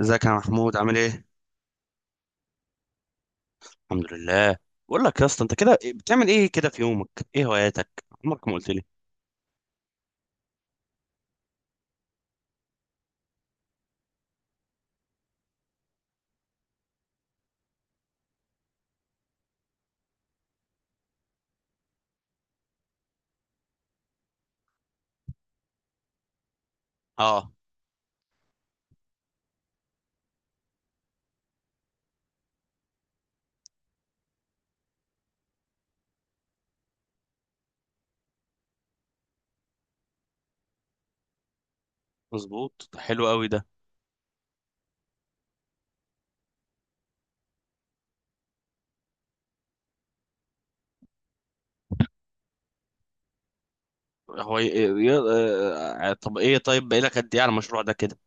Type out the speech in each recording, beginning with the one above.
ازيك يا محمود عامل ايه؟ الحمد لله. بقول لك يا اسطى انت كده ايه، بتعمل ايه كده في يومك؟ ايه هواياتك؟ عمرك ما قلت لي. اه مظبوط، ده حلو قوي ده. هو ي... ي... آه، آه، طب ايه، طيب بقالك قد ايه على المشروع ده كده؟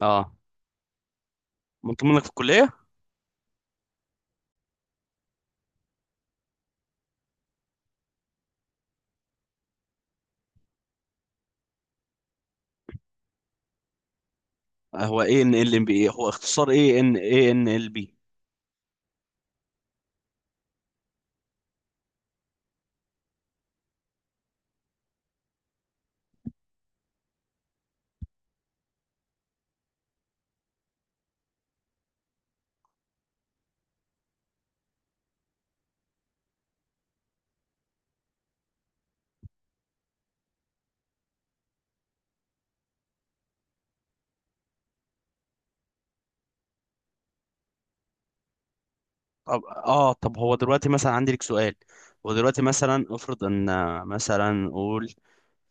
اه، منتظم منك في الكلية؟ هو ايه ان ال ام بي؟ هو اختصار ايه؟ ان ايه ان ال بي. طب اه، طب هو دلوقتي مثلا عندي لك سؤال. هو دلوقتي مثلا افرض ان مثلا قول،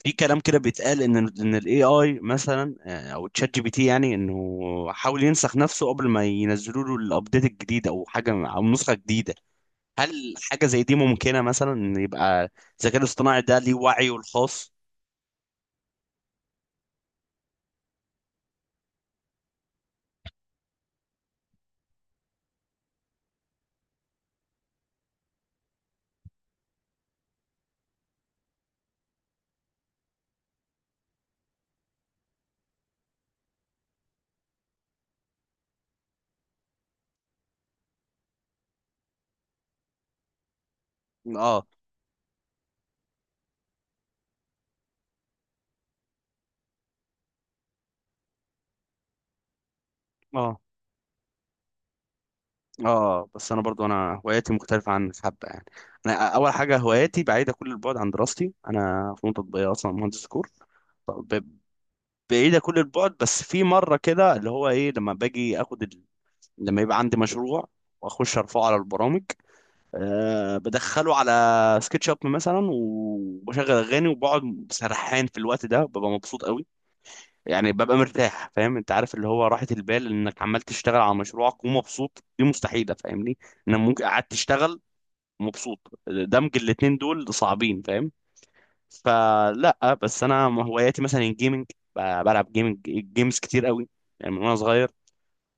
في كلام كده بيتقال ان الاي اي مثلا، او تشات جي بي تي، يعني انه حاول ينسخ نفسه قبل ما ينزلوا له الابديت الجديد او حاجه او نسخه جديده. هل حاجه زي دي ممكنه، مثلا ان يبقى الذكاء الاصطناعي ده ليه وعيه الخاص؟ اه. اه. اه بس انا برضو انا هواياتي مختلفه عن حبه يعني. انا اول حاجه هواياتي بعيده كل البعد عن دراستي، انا فنون تطبيقيه اصلا، مهندس كور. ب- بعيدة كل البعد. بس في مرة كده اللي هو ايه، لما باجي اخد، لما يبقى عندي مشروع واخش ارفعه على البرامج، أه بدخله على سكتش اب مثلا وبشغل اغاني وبقعد سرحان، في الوقت ده ببقى مبسوط قوي. يعني ببقى مرتاح، فاهم؟ انت عارف اللي هو راحة البال انك عمال تشتغل على مشروعك ومبسوط؟ دي مستحيلة، فاهمني؟ انا ممكن قعدت تشتغل مبسوط، دمج الاتنين دول صعبين، فاهم؟ فلا، بس انا هواياتي مثلا الجيمنج، بلعب جيمنج، جيمز كتير قوي يعني، من وانا صغير.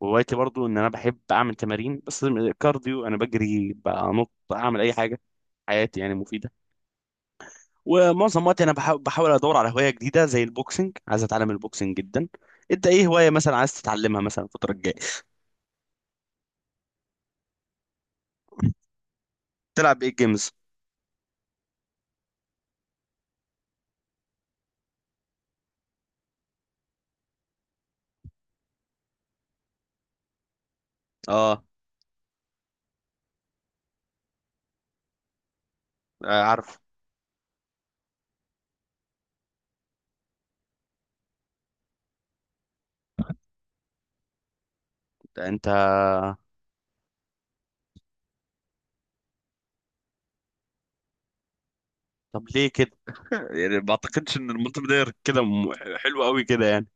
وهوايتي برضو ان انا بحب اعمل تمارين، بس كارديو، انا بجري، بنط، اعمل اي حاجه. حياتي يعني مفيده. ومعظم وقتي انا بحاول ادور على هوايه جديده زي البوكسنج، عايز اتعلم البوكسنج جدا. انت ايه هوايه مثلا عايز تتعلمها مثلا الفتره الجايه؟ تلعب ايه جيمز؟ اه، آه، عارف. انت طب ليه كده؟ يعني ما اعتقدش ان المالتي بلاير كده حلو قوي كده يعني.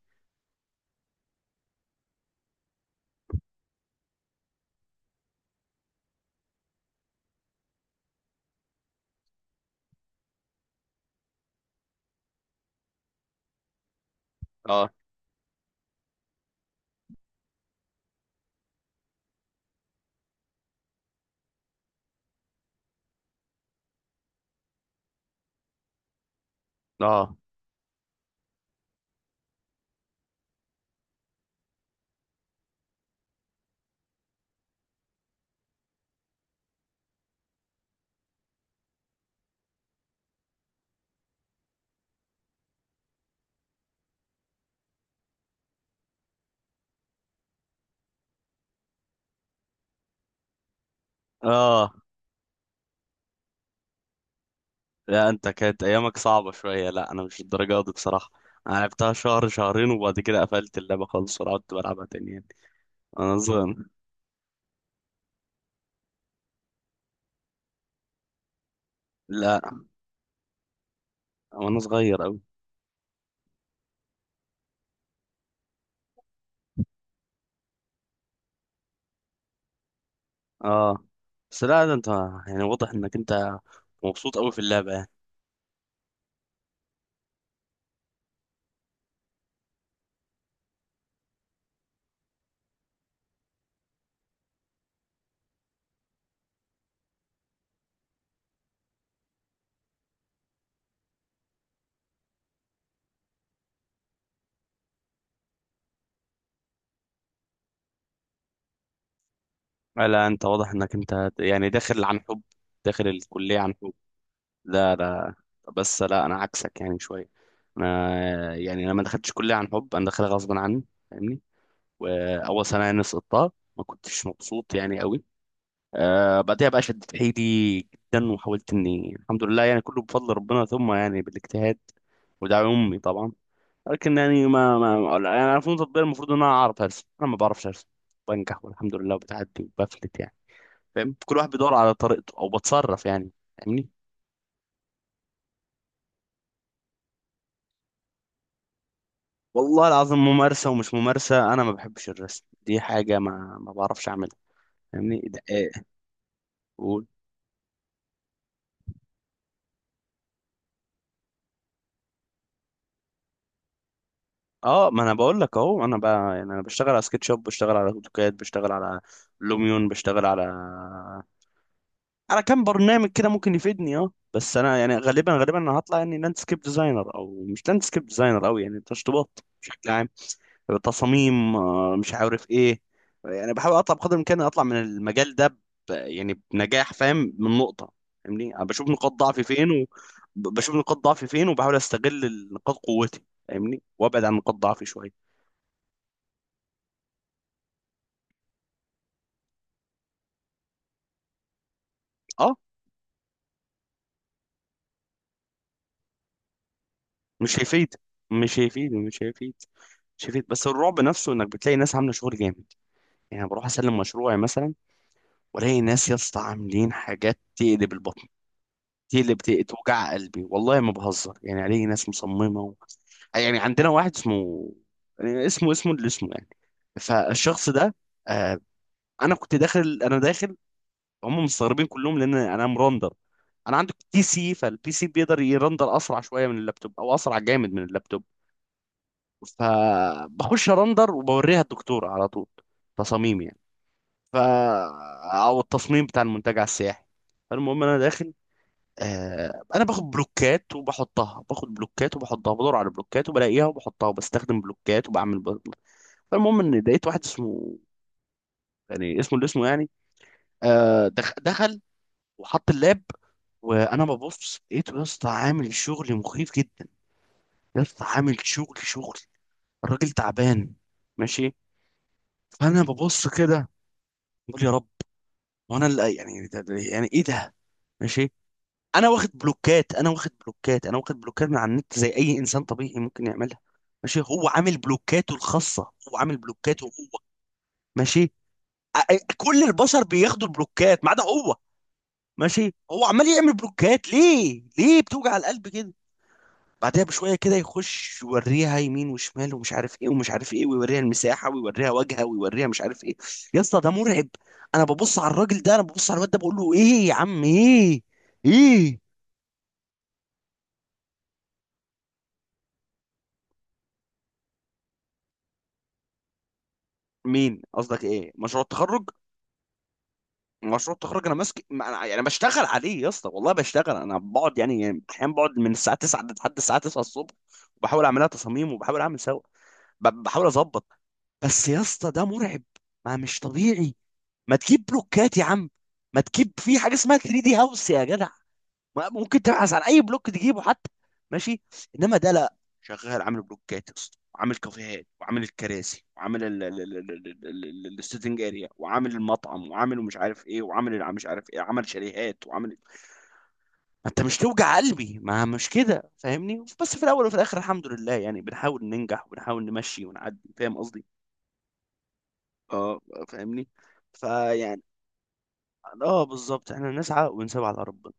اه. اه. اه لا انت كانت ايامك صعبة شوية، لا انا مش الدرجة دي بصراحة. انا لعبتها شهر شهرين وبعد كده قفلت اللعبة خالص، ولا قعدت بلعبها تاني يعني. انا صغير، لا وانا صغير اوي. اه بس لا ده انت يعني واضح انك انت مبسوط اوي في اللعبة يعني. لا انت واضح انك انت يعني داخل عن حب، داخل الكلية عن حب. لا لا. بس لا انا عكسك يعني شوية، انا يعني انا ما دخلتش كلية عن حب، انا داخلها غصب عني، فاهمني؟ واول سنة يعني سقطتها، ما كنتش مبسوط يعني قوي. آه بعدها بقى شدت حيلي جدا وحاولت اني، الحمد لله يعني كله بفضل ربنا ثم يعني بالاجتهاد ودعم امي طبعا. لكن يعني ما ما يعني انا فنون تطبيقيه المفروض ان انا اعرف ارسم، انا ما بعرفش ارسم. بنجح والحمد لله وبتعدي وبفلت يعني، فاهم؟ كل واحد بيدور على طريقته او بتصرف يعني، فاهمني؟ والله العظيم ممارسه ومش ممارسه، انا ما بحبش الرسم، دي حاجه ما ما بعرفش اعملها، فاهمني؟ ده- إيه. اه ما انا بقول لك اهو، انا بقى يعني انا بشتغل على سكتش اب، بشتغل على اوتوكاد، بشتغل على لوميون، بشتغل على على كام برنامج كده ممكن يفيدني. اه بس انا يعني غالبا انا هطلع يعني لاندسكيب ديزاينر، او مش لاندسكيب ديزاينر قوي يعني، تشطيبات بشكل عام، تصاميم، مش عارف ايه. يعني بحاول اطلع بقدر الامكان اطلع من المجال ده يعني بنجاح، فاهم من نقطة، فاهمني؟ انا بشوف نقاط ضعفي فين و... بشوف نقاط ضعفي فين وبحاول استغل نقاط قوتي، فاهمني؟ وابعد عن نقاط ضعفي شوية. اه. مش هيفيد مش هيفيد مش هيفيد مش هيفيد. بس الرعب نفسه انك بتلاقي ناس عامله شغل جامد يعني. أنا بروح اسلم مشروعي مثلا، والاقي ناس يا اسطى عاملين حاجات تقلب البطن، تقلب توجع قلبي، والله ما بهزر يعني. الاقي ناس مصممه و... يعني عندنا واحد اسمه، يعني اسمه اللي اسمه يعني، فالشخص ده، آه انا كنت داخل، انا داخل، هم مستغربين كلهم لان انا مرندر. انا عندي بي سي، فالبي سي بيقدر يرندر اسرع شويه من اللابتوب، او اسرع جامد من اللابتوب. فبخش ارندر وبوريها الدكتور على طول، تصاميم يعني. ف او التصميم بتاع المنتجع السياحي. فالمهم انا داخل، آه انا باخد بلوكات وبحطها، باخد بلوكات وبحطها، بدور على بلوكات وبلاقيها وبحطها، وبستخدم بلوكات وبعمل فالمهم ان لقيت واحد اسمه، يعني اسمه اللي اسمه يعني، آه دخل وحط اللاب. وانا ببص لقيته يا اسطى عامل شغل مخيف جدا، يا اسطى عامل شغل شغل، الراجل تعبان، ماشي. فانا ببص كده، بقول يا رب، وانا اللي يعني، يعني ايه ده، ماشي. انا واخد بلوكات، انا واخد بلوكات، انا واخد بلوكات من على النت زي اي انسان طبيعي ممكن يعملها، ماشي. هو عامل بلوكاته الخاصه، هو عامل بلوكاته هو، ماشي. كل البشر بياخدوا البلوكات ما عدا هو، ماشي. هو عمال يعمل بلوكات، ليه، ليه بتوجع القلب كده؟ بعدها بشويه كده يخش يوريها يمين وشمال ومش عارف ايه ومش عارف ايه، ويوريها المساحه ويوريها وجهها ويوريها مش عارف ايه. يا اسطى ده مرعب. انا ببص على الراجل ده، انا ببص على الواد ده بقول له ايه يا عم، ايه، ايه؟ مين قصدك، ايه مشروع التخرج؟ مشروع التخرج انا ماسك، ما انا يعني بشتغل عليه يا اسطى، والله بشتغل، انا بقعد يعني احيانا بقعد من الساعه 9 لحد الساعه 9 الصبح. وبحاول اعملها تصاميم وبحاول اعمل سوا، بحاول اظبط. بس يا اسطى ده مرعب، ما مش طبيعي، ما تجيب بلوكات يا عم، ما تجيب في حاجه اسمها 3 دي هاوس يا جدع، ما- ممكن تبحث عن اي بلوك تجيبه حتى، ماشي. انما ده لا، شغال عامل بلوكات يا اسطى، وعامل كافيهات، وعامل الكراسي، وعامل السيتنج اريا، وعامل المطعم، وعامل مش عارف ايه، وعامل مش عارف ايه، عمل شاليهات وعامل، ما انت مش توجع قلبي، ما مش كده، فاهمني؟ بس في الاول وفي الاخر الحمد لله يعني، بنحاول ننجح وبنحاول نمشي ونعدي، فاهم قصدي؟ اه فاهمني، فيعني، اه بالظبط، احنا نسعى ونسيب على ربنا.